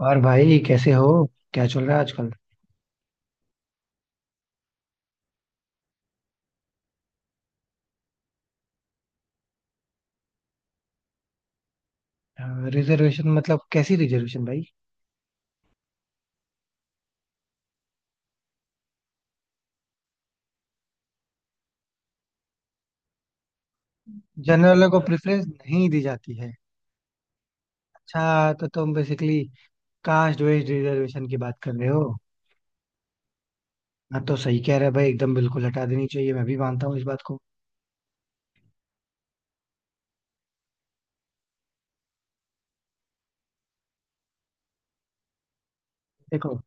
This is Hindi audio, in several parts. और भाई कैसे हो? क्या चल रहा है आजकल? रिजर्वेशन मतलब कैसी रिजर्वेशन भाई? जनरल को प्रेफरेंस नहीं दी जाती है। अच्छा तो तुम बेसिकली कास्ट वेज रिजर्वेशन की बात कर रहे हो। हाँ तो सही कह रहे हो भाई, एकदम बिल्कुल हटा देनी चाहिए, मैं भी मानता हूँ इस बात को। देखो,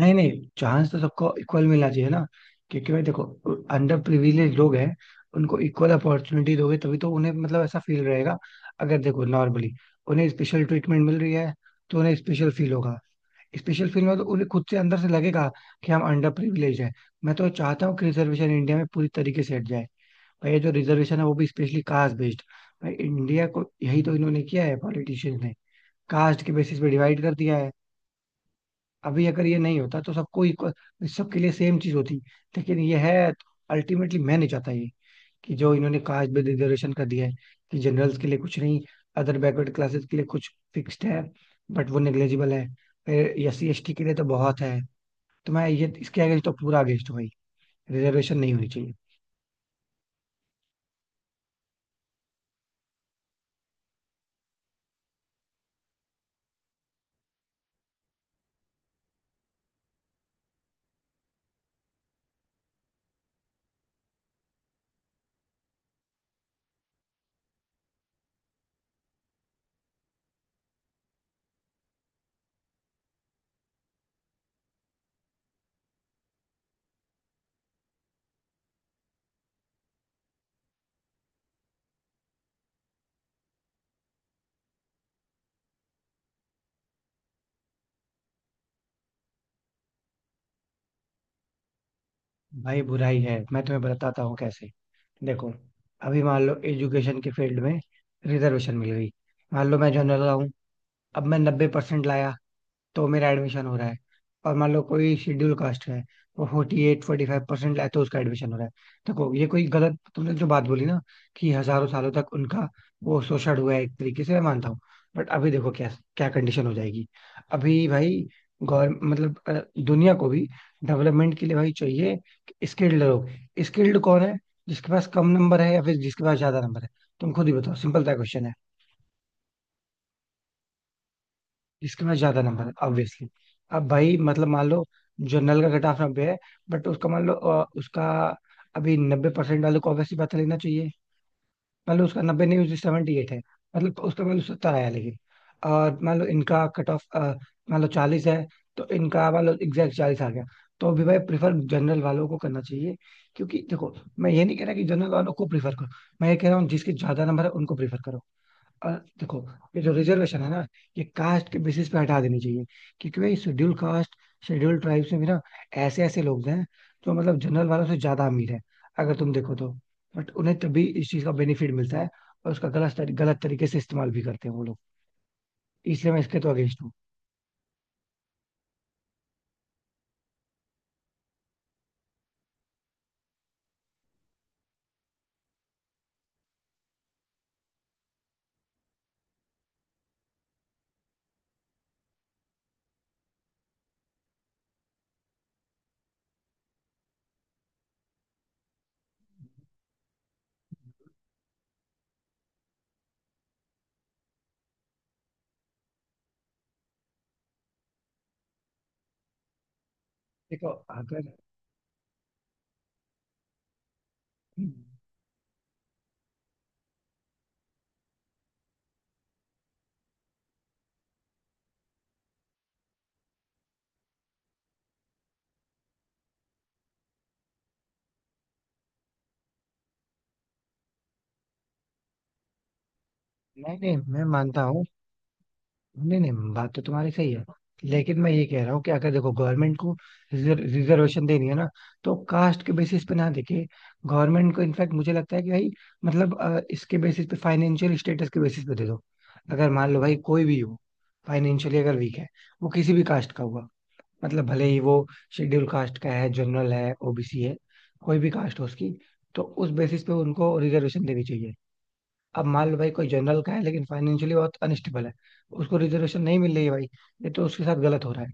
नहीं नहीं, चांस तो सबको इक्वल मिलना चाहिए ना। क्योंकि भाई देखो, अंडर प्रिविलेज लोग हैं, उनको इक्वल अपॉर्चुनिटी दोगे तभी तो उन्हें मतलब ऐसा फील रहेगा। अगर देखो नॉर्मली उन्हें स्पेशल ट्रीटमेंट मिल रही है तो उन्हें स्पेशल फील होगा। स्पेशल फील में तो उन्हें खुद से अंदर से लगेगा कि हम अंडर प्रिविलेज है। मैं तो चाहता हूँ कि रिजर्वेशन इंडिया में पूरी तरीके से हट जाए। भाई ये जो रिजर्वेशन है वो भी स्पेशली कास्ट बेस्ड। भाई इंडिया को यही तो इन्होंने किया है पॉलिटिशियंस ने, कास्ट के बेसिस पे डिवाइड कर दिया है। अभी अगर ये नहीं होता तो सबको सबके लिए सेम चीज होती, लेकिन ये है। अल्टीमेटली मैं नहीं चाहता ये कि जो इन्होंने कास्ट बेस्ड रिजर्वेशन कर दिया है, कि जनरल्स के लिए कुछ नहीं, अदर बैकवर्ड क्लासेस के लिए कुछ फिक्स्ड है बट वो निग्लेजिबल है, फिर SC ST के लिए तो बहुत है। तो मैं ये इसके अगेंस्ट तो पूरा अगेंस्ट हूँ भाई, रिजर्वेशन नहीं होनी चाहिए। भाई बुराई है, मैं तुम्हें बताता हूँ कैसे। देखो, अभी मान लो एजुकेशन के फील्ड में रिजर्वेशन मिल गई। मान लो मैं जनरल रहा हूँ, अब मैं 90% लाया तो मेरा एडमिशन हो रहा है, और मान लो कोई शेड्यूल कास्ट है, वो 48-45% लाए तो उसका एडमिशन हो रहा है। देखो ये कोई गलत, तुमने जो बात बोली ना कि हजारों सालों तक उनका वो शोषण हुआ है, एक तरीके से मैं मानता हूँ। बट अभी देखो क्या क्या कंडीशन हो जाएगी। अभी भाई गौर मतलब दुनिया को भी डेवलपमेंट के लिए भाई चाहिए स्किल्ड लोग। स्किल्ड कौन है, जिसके पास कम नंबर है या फिर जिसके पास ज्यादा नंबर है? तुम खुद ही बताओ, सिंपल सा क्वेश्चन है। जिसके पास ज्यादा नंबर है ऑब्वियसली। अब भाई मतलब मान लो जनरल का कट ऑफ 90 है, बट उसका मान लो उसका, अभी 90% वालों को ऑब्वियसली पता लेना चाहिए। मान लो उसका 90 नहीं उसकी 78 है, मतलब उसका मान लो 70 आया लेकिन, और मान लो इनका कट ऑफ मान लो 40 है, तो इनका मान लो एग्जैक्ट 40 आ गया। तो अभी भाई प्रीफर जनरल वालों को करना चाहिए। क्योंकि देखो, मैं ये नहीं कह रहा कि जनरल वालों को प्रीफर करो, मैं ये कह रहा हूँ जिसके ज्यादा नंबर है उनको प्रीफर करो। और देखो, ये जो रिजर्वेशन है ना, ये कास्ट के बेसिस पे हटा देनी चाहिए। क्योंकि भाई शेड्यूल कास्ट, शेड्यूल ट्राइब्स में भी ना ऐसे ऐसे लोग हैं जो मतलब जनरल वालों से ज्यादा अमीर है, अगर तुम देखो तो। बट उन्हें तभी इस चीज का बेनिफिट मिलता है, और उसका गलत तरीके से इस्तेमाल भी करते हैं वो लोग। इसलिए मैं इसके तो अगेंस्ट हूँ। देखो, अगर, नहीं नहीं मैं मानता हूँ, नहीं नहीं बात तो तुम्हारी सही है। लेकिन मैं ये कह रहा हूँ कि अगर देखो गवर्नमेंट को रिजर्वेशन देनी है ना तो कास्ट के बेसिस पे ना देखे। गवर्नमेंट को इनफैक्ट मुझे लगता है कि भाई मतलब इसके बेसिस पे, फाइनेंशियल स्टेटस के बेसिस पे दे दो। अगर मान लो भाई कोई भी हो, फाइनेंशियली अगर वीक है, वो किसी भी कास्ट का हुआ, मतलब भले ही वो शेड्यूल कास्ट का है, जनरल है, OBC है, कोई भी कास्ट हो उसकी, तो उस बेसिस पे उनको रिजर्वेशन देनी चाहिए। अब मान लो भाई कोई जनरल का है लेकिन फाइनेंशियली बहुत अनस्टेबल है, उसको रिजर्वेशन नहीं मिल रही है भाई, ये तो उसके साथ गलत हो रहा है।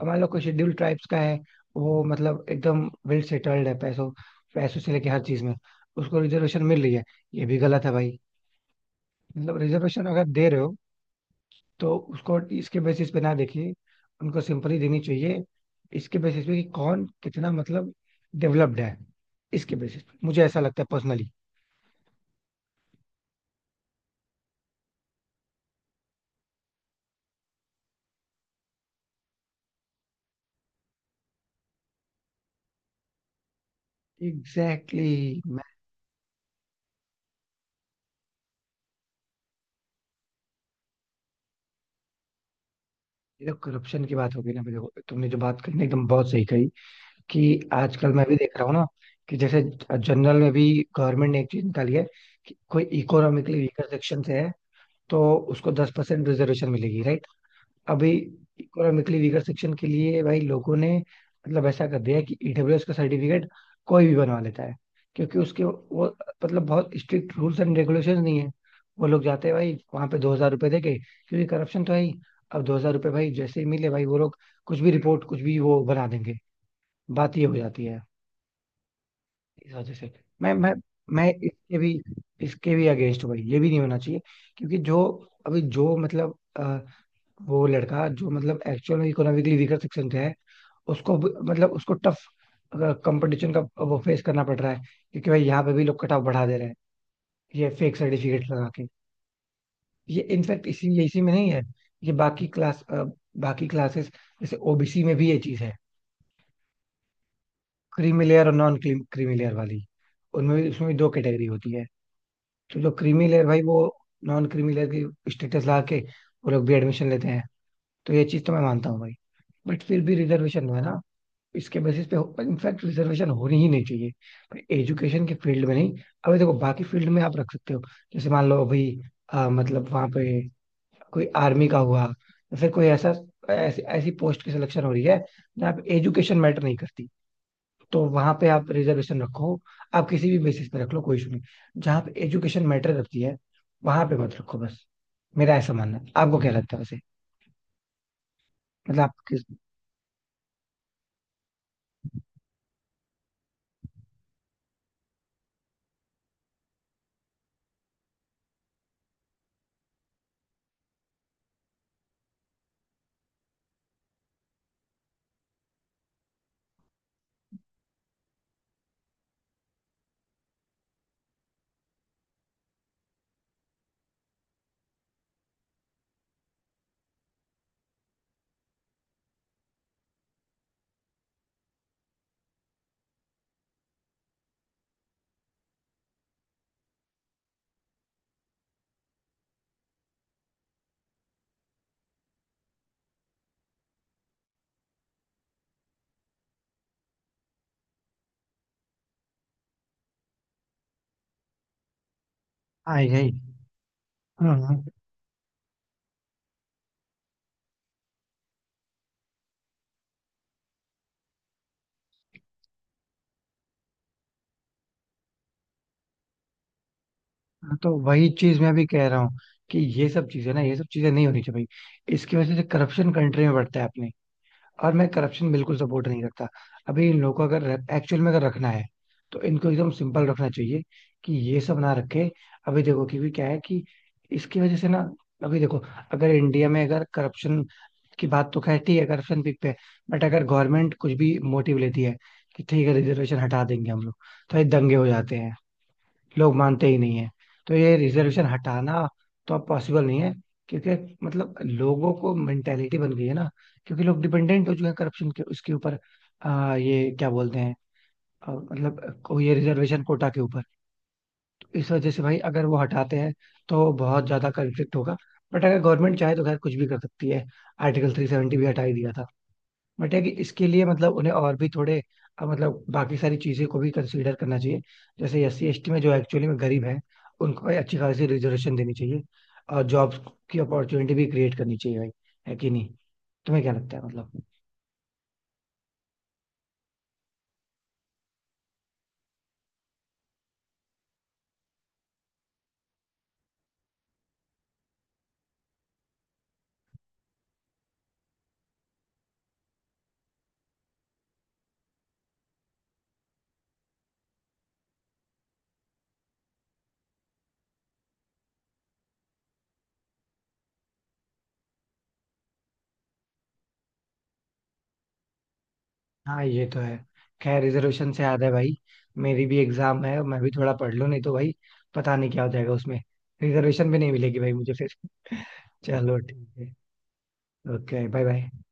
अब मान लो कोई शेड्यूल्ड ट्राइब्स का है, वो मतलब एकदम वेल सेटल्ड है, पैसों पैसों से लेके हर चीज में, उसको रिजर्वेशन मिल रही है, ये भी गलत है भाई। मतलब रिजर्वेशन अगर दे रहे हो तो उसको इसके बेसिस पे ना देखिए, उनको सिंपली देनी चाहिए इसके बेसिस पे कि कौन कितना मतलब डेवलप्ड है। इसके बेसिस पे मुझे ऐसा लगता है पर्सनली। Exactly, exactly। ये करप्शन की बात हो गई ना। अभी देखो तुमने जो बात कही ना एकदम बहुत सही कही। कि आजकल मैं भी देख रहा हूँ ना कि जैसे जनरल में भी गवर्नमेंट ने एक चीज निकाली है कि कोई इकोनॉमिकली वीकर सेक्शन से है तो उसको 10% रिजर्वेशन मिलेगी, right? अभी, इकोनॉमिकली वीकर सेक्शन के लिए भाई लोगों ने मतलब ऐसा कर दिया है कि EWS का सर्टिफिकेट कोई भी बनवा लेता है, क्योंकि उसके वो मतलब बहुत स्ट्रिक्ट रूल्स एंड रेगुलेशंस नहीं है। वो लोग जाते हैं भाई वहां पे, ₹2000 दे के, क्योंकि करप्शन तो है ही। अब ₹2000 भाई जैसे ही मिले भाई वो लोग कुछ भी रिपोर्ट, कुछ भी वो बना देंगे। बात ये हो जाती है इस वजह से। मैं मैं मैं इसके भी, इसके भी अगेंस्ट भाई, ये भी नहीं होना चाहिए। क्योंकि जो, अभी जो मतलब वो लड़का जो मतलब एक्चुअल में इकोनॉमिकली वीकर सेक्शन से है, मतलब उसको टफ कंपटीशन का वो फेस करना पड़ रहा है, क्योंकि भाई यहाँ पे भी लोग कट ऑफ बढ़ा दे रहे हैं ये फेक सर्टिफिकेट लगा के। ये इनफैक्ट इसी में नहीं है ये, बाकी क्लास बाकी क्लासेस, जैसे OBC में भी ये चीज है, क्रीमी लेयर और नॉन क्रीमी लेयर वाली, उनमें भी उसमें भी दो कैटेगरी होती है। तो जो क्रीमी लेयर भाई वो नॉन क्रीमी लेयर की स्टेटस लगा के वो लोग भी एडमिशन लेते हैं। तो ये चीज तो मैं मानता हूँ भाई। बट फिर भी रिजर्वेशन है ना, इसके बेसिस पे इनफैक्ट रिजर्वेशन होनी ही नहीं चाहिए, पर एजुकेशन के फील्ड में नहीं। अभी देखो बाकी फील्ड में आप रख सकते हो, जैसे मान लो अभी मतलब वहां पे कोई आर्मी का हुआ या फिर कोई ऐसा, ऐसी ऐसी पोस्ट की सिलेक्शन हो रही है जहाँ पे एजुकेशन मैटर नहीं करती, तो वहां पे आप रिजर्वेशन रखो, आप किसी भी बेसिस पे रख लो, कोई इशू नहीं। जहाँ पे एजुकेशन मैटर करती है वहां पे मत रखो बस। मेरा ऐसा मानना है, आपको क्या लगता है वैसे? मतलब आप किस, हाँ यही, हाँ हाँ। हाँ, तो वही चीज मैं भी कह रहा हूँ कि ये सब चीजें ना, ये सब चीजें नहीं होनी चाहिए भाई। इसकी वजह से करप्शन कंट्री में बढ़ता है अपने, और मैं करप्शन बिल्कुल सपोर्ट नहीं करता। अभी इन लोगों को अगर एक्चुअल में अगर रखना है तो इनको एकदम सिंपल रखना चाहिए कि ये सब ना रखे। अभी देखो, क्योंकि क्या है कि इसकी वजह से ना, अभी देखो, अगर इंडिया में अगर करप्शन की बात तो खैर ठीक है, करप्शन पीक पे है। बट अगर गवर्नमेंट कुछ भी मोटिव लेती है कि ठीक है रिजर्वेशन हटा देंगे हम लोग, तो ये दंगे हो जाते हैं, लोग मानते ही नहीं है। तो ये रिजर्वेशन हटाना तो अब पॉसिबल नहीं है, क्योंकि मतलब लोगों को मेंटेलिटी बन गई है ना, क्योंकि लोग डिपेंडेंट हो चुके हैं करप्शन के उसके ऊपर। ये क्या बोलते हैं, मतलब ये रिजर्वेशन कोटा के ऊपर। तो इस वजह से भाई अगर वो हटाते हैं तो बहुत ज्यादा कंफ्लिक्ट होगा। बट अगर गवर्नमेंट चाहे तो खैर कुछ भी कर सकती है, आर्टिकल 370 भी हटा ही दिया था। बट है कि इसके लिए मतलब उन्हें और भी थोड़े मतलब बाकी सारी चीज़ें को भी कंसीडर करना चाहिए। जैसे SC ST में जो एक्चुअली में गरीब हैं उनको भाई अच्छी खासी रिजर्वेशन देनी चाहिए, और जॉब्स की अपॉर्चुनिटी भी क्रिएट करनी चाहिए भाई। है कि नहीं? तुम्हें क्या लगता है मतलब? हाँ ये तो है। खैर रिजर्वेशन से याद है भाई, मेरी भी एग्जाम है, मैं भी थोड़ा पढ़ लूँ, नहीं तो भाई पता नहीं क्या हो जाएगा उसमें, रिजर्वेशन भी नहीं मिलेगी भाई मुझे फिर। चलो ठीक है। Okay, bye bye.